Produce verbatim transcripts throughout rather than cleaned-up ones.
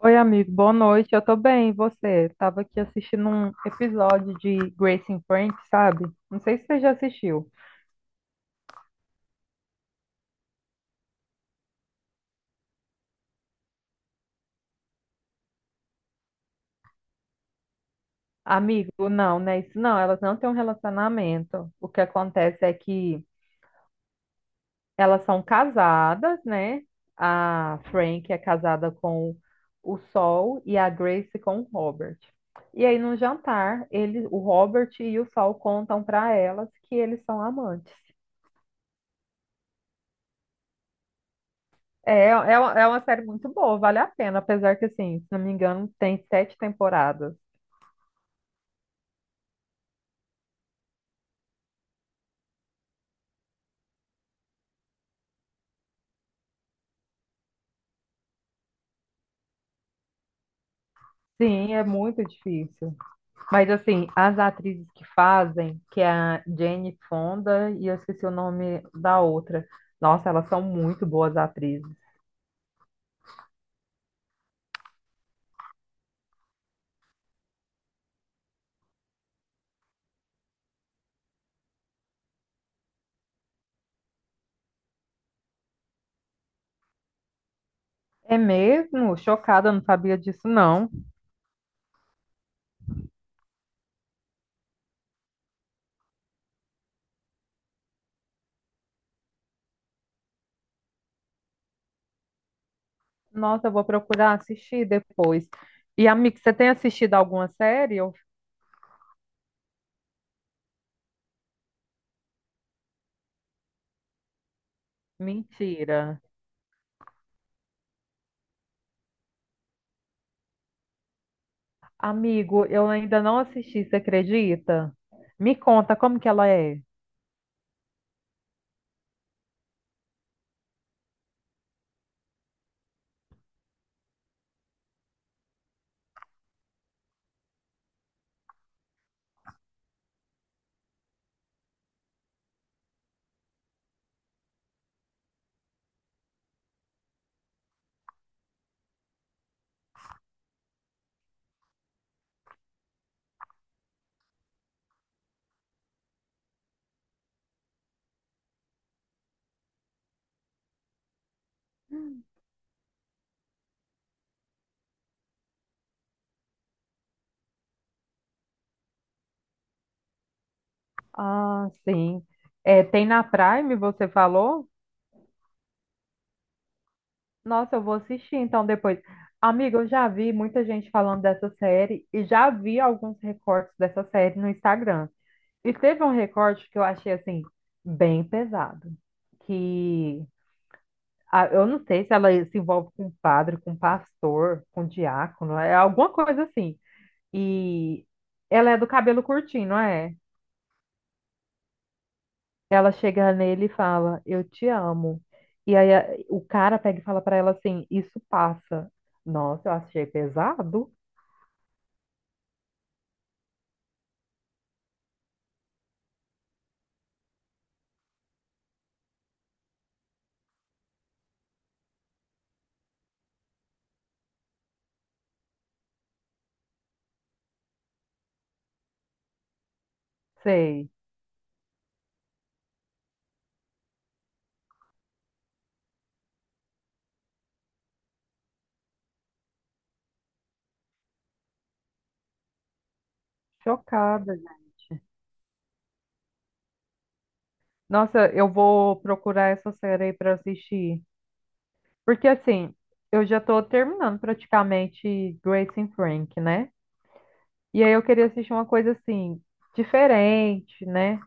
Oi, amigo, boa noite. Eu tô bem, e você? Tava aqui assistindo um episódio de Grace and Frank, sabe? Não sei se você já assistiu. Amigo, não, né? Isso não, elas não têm um relacionamento. O que acontece é que elas são casadas, né? A Frank é casada com o Sol e a Grace com o Robert. E aí, no jantar, ele, o Robert e o Sol contam pra elas que eles são amantes. É, é, uma- é uma série muito boa, vale a pena, apesar que, assim, se não me engano, tem sete temporadas. Sim, é muito difícil. Mas, assim, as atrizes que fazem, que é a Jane Fonda e eu esqueci o nome da outra. Nossa, elas são muito boas atrizes. É mesmo? Chocada, não sabia disso, não. Nossa, eu vou procurar assistir depois. E, amigo, você tem assistido alguma série? Eu- Mentira. Amigo, eu ainda não assisti, você acredita? Me conta como que ela é. Ah, sim. É, tem na Prime, você falou? Nossa, eu vou assistir então depois. Amigo, eu já vi muita gente falando dessa série e já vi alguns recortes dessa série no Instagram. E teve um recorte que eu achei assim bem pesado, que ah, eu não sei se ela se envolve com padre, com pastor, com diácono, é alguma coisa assim. E ela é do cabelo curtinho, não é? Ela chega nele e fala, eu te amo. E aí a- o cara pega e fala pra ela assim, isso passa. Nossa, eu achei pesado. Sei, chocada, gente. Nossa, eu vou procurar essa série aí pra assistir. Porque assim, eu já tô terminando praticamente Grace and Frank, né? E aí eu queria assistir uma coisa assim, diferente, né?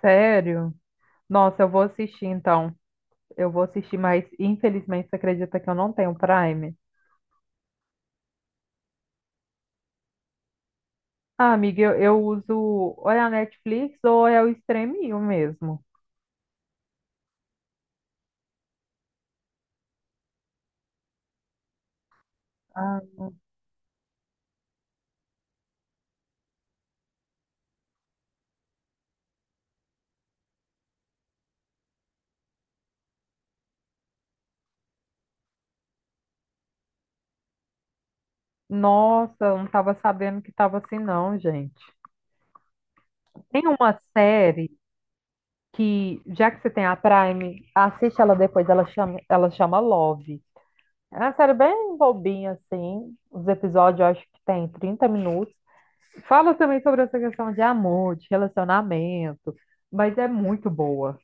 Sério. Nossa, eu vou assistir então. Eu vou assistir, mas infelizmente você acredita que eu não tenho Prime? Ah, amiga, eu, eu uso ou é a Netflix ou é o Streaminho mesmo. Ah, nossa, eu não estava sabendo que estava assim não, gente. Tem uma série que, já que você tem a Prime, assiste ela depois, ela chama, ela chama Love. É uma série bem bobinha, assim. Os episódios eu acho que tem trinta minutos. Fala também sobre essa questão de amor, de relacionamento, mas é muito boa.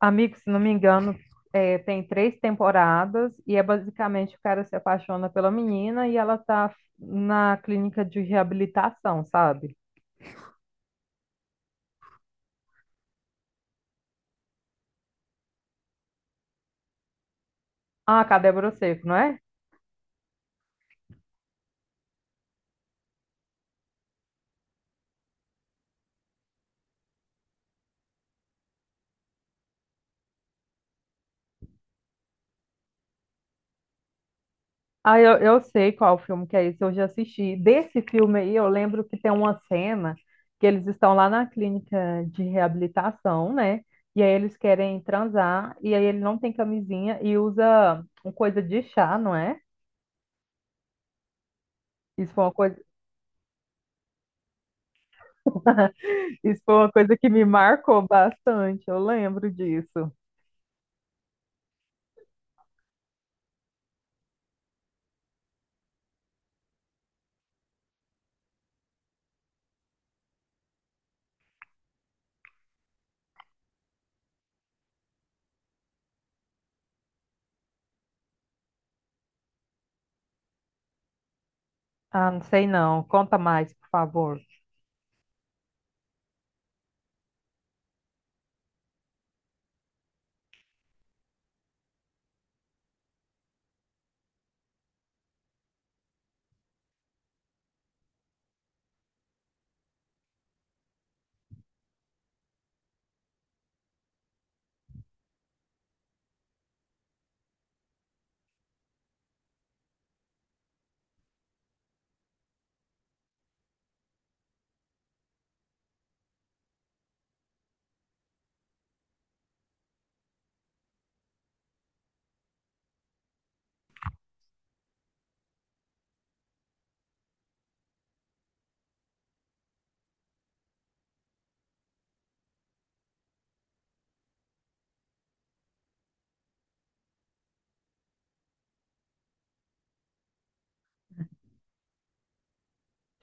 Amigo, se não me engano, é, tem três temporadas e é basicamente o cara se apaixona pela menina e ela tá na clínica de reabilitação, sabe? Ah, Cadê Broseco, não é? Ah, eu, eu sei qual filme que é esse, eu já assisti. Desse filme aí, eu lembro que tem uma cena que eles estão lá na clínica de reabilitação, né? E aí eles querem transar, e aí ele não tem camisinha e usa uma coisa de chá, não é? Isso foi uma coisa. Isso foi uma coisa que me marcou bastante, eu lembro disso. Ah, não sei não. Conta mais, por favor.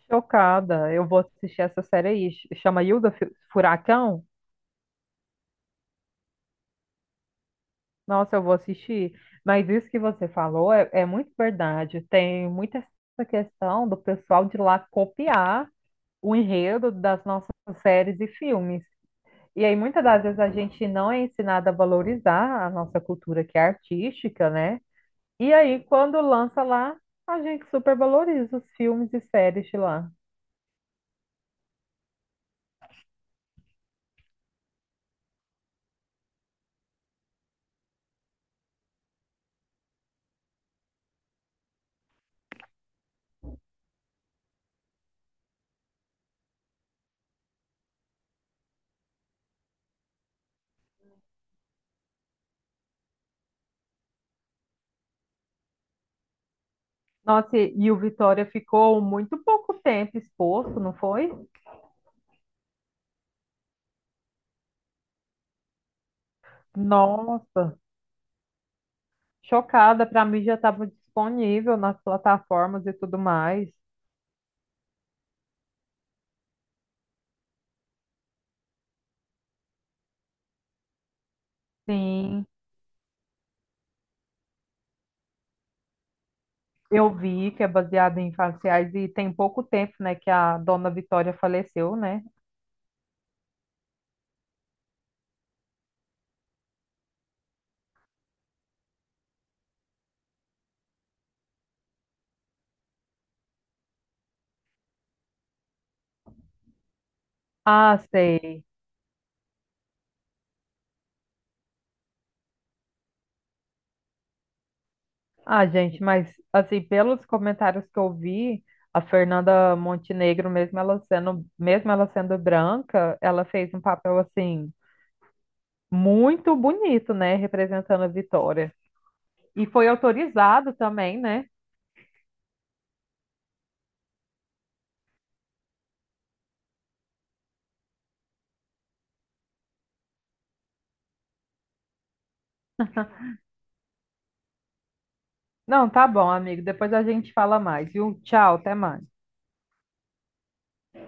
Chocada, eu vou assistir essa série aí. Ch- Chama Hilda Fu- Furacão? Nossa, eu vou assistir. Mas isso que você falou é, é muito verdade. Tem muita essa questão do pessoal de lá copiar o enredo das nossas séries e filmes. E aí, muitas das vezes, a gente não é ensinado a valorizar a nossa cultura que é artística, né? E aí, quando lança lá, a gente supervaloriza os filmes e séries de lá. Nossa, e e o Vitória ficou muito pouco tempo exposto, não foi? Nossa, chocada. Para mim já estava disponível nas plataformas e tudo mais. Sim, eu vi que é baseado em fatos reais e tem pouco tempo, né, que a dona Vitória faleceu, né? Ah, sei. Ah, gente, mas assim, pelos comentários que eu vi, a Fernanda Montenegro, mesmo ela sendo, mesmo ela sendo branca, ela fez um papel assim muito bonito, né, representando a Vitória. E foi autorizado também, né? Não, tá bom, amigo. Depois a gente fala mais, viu? Tchau, até mais.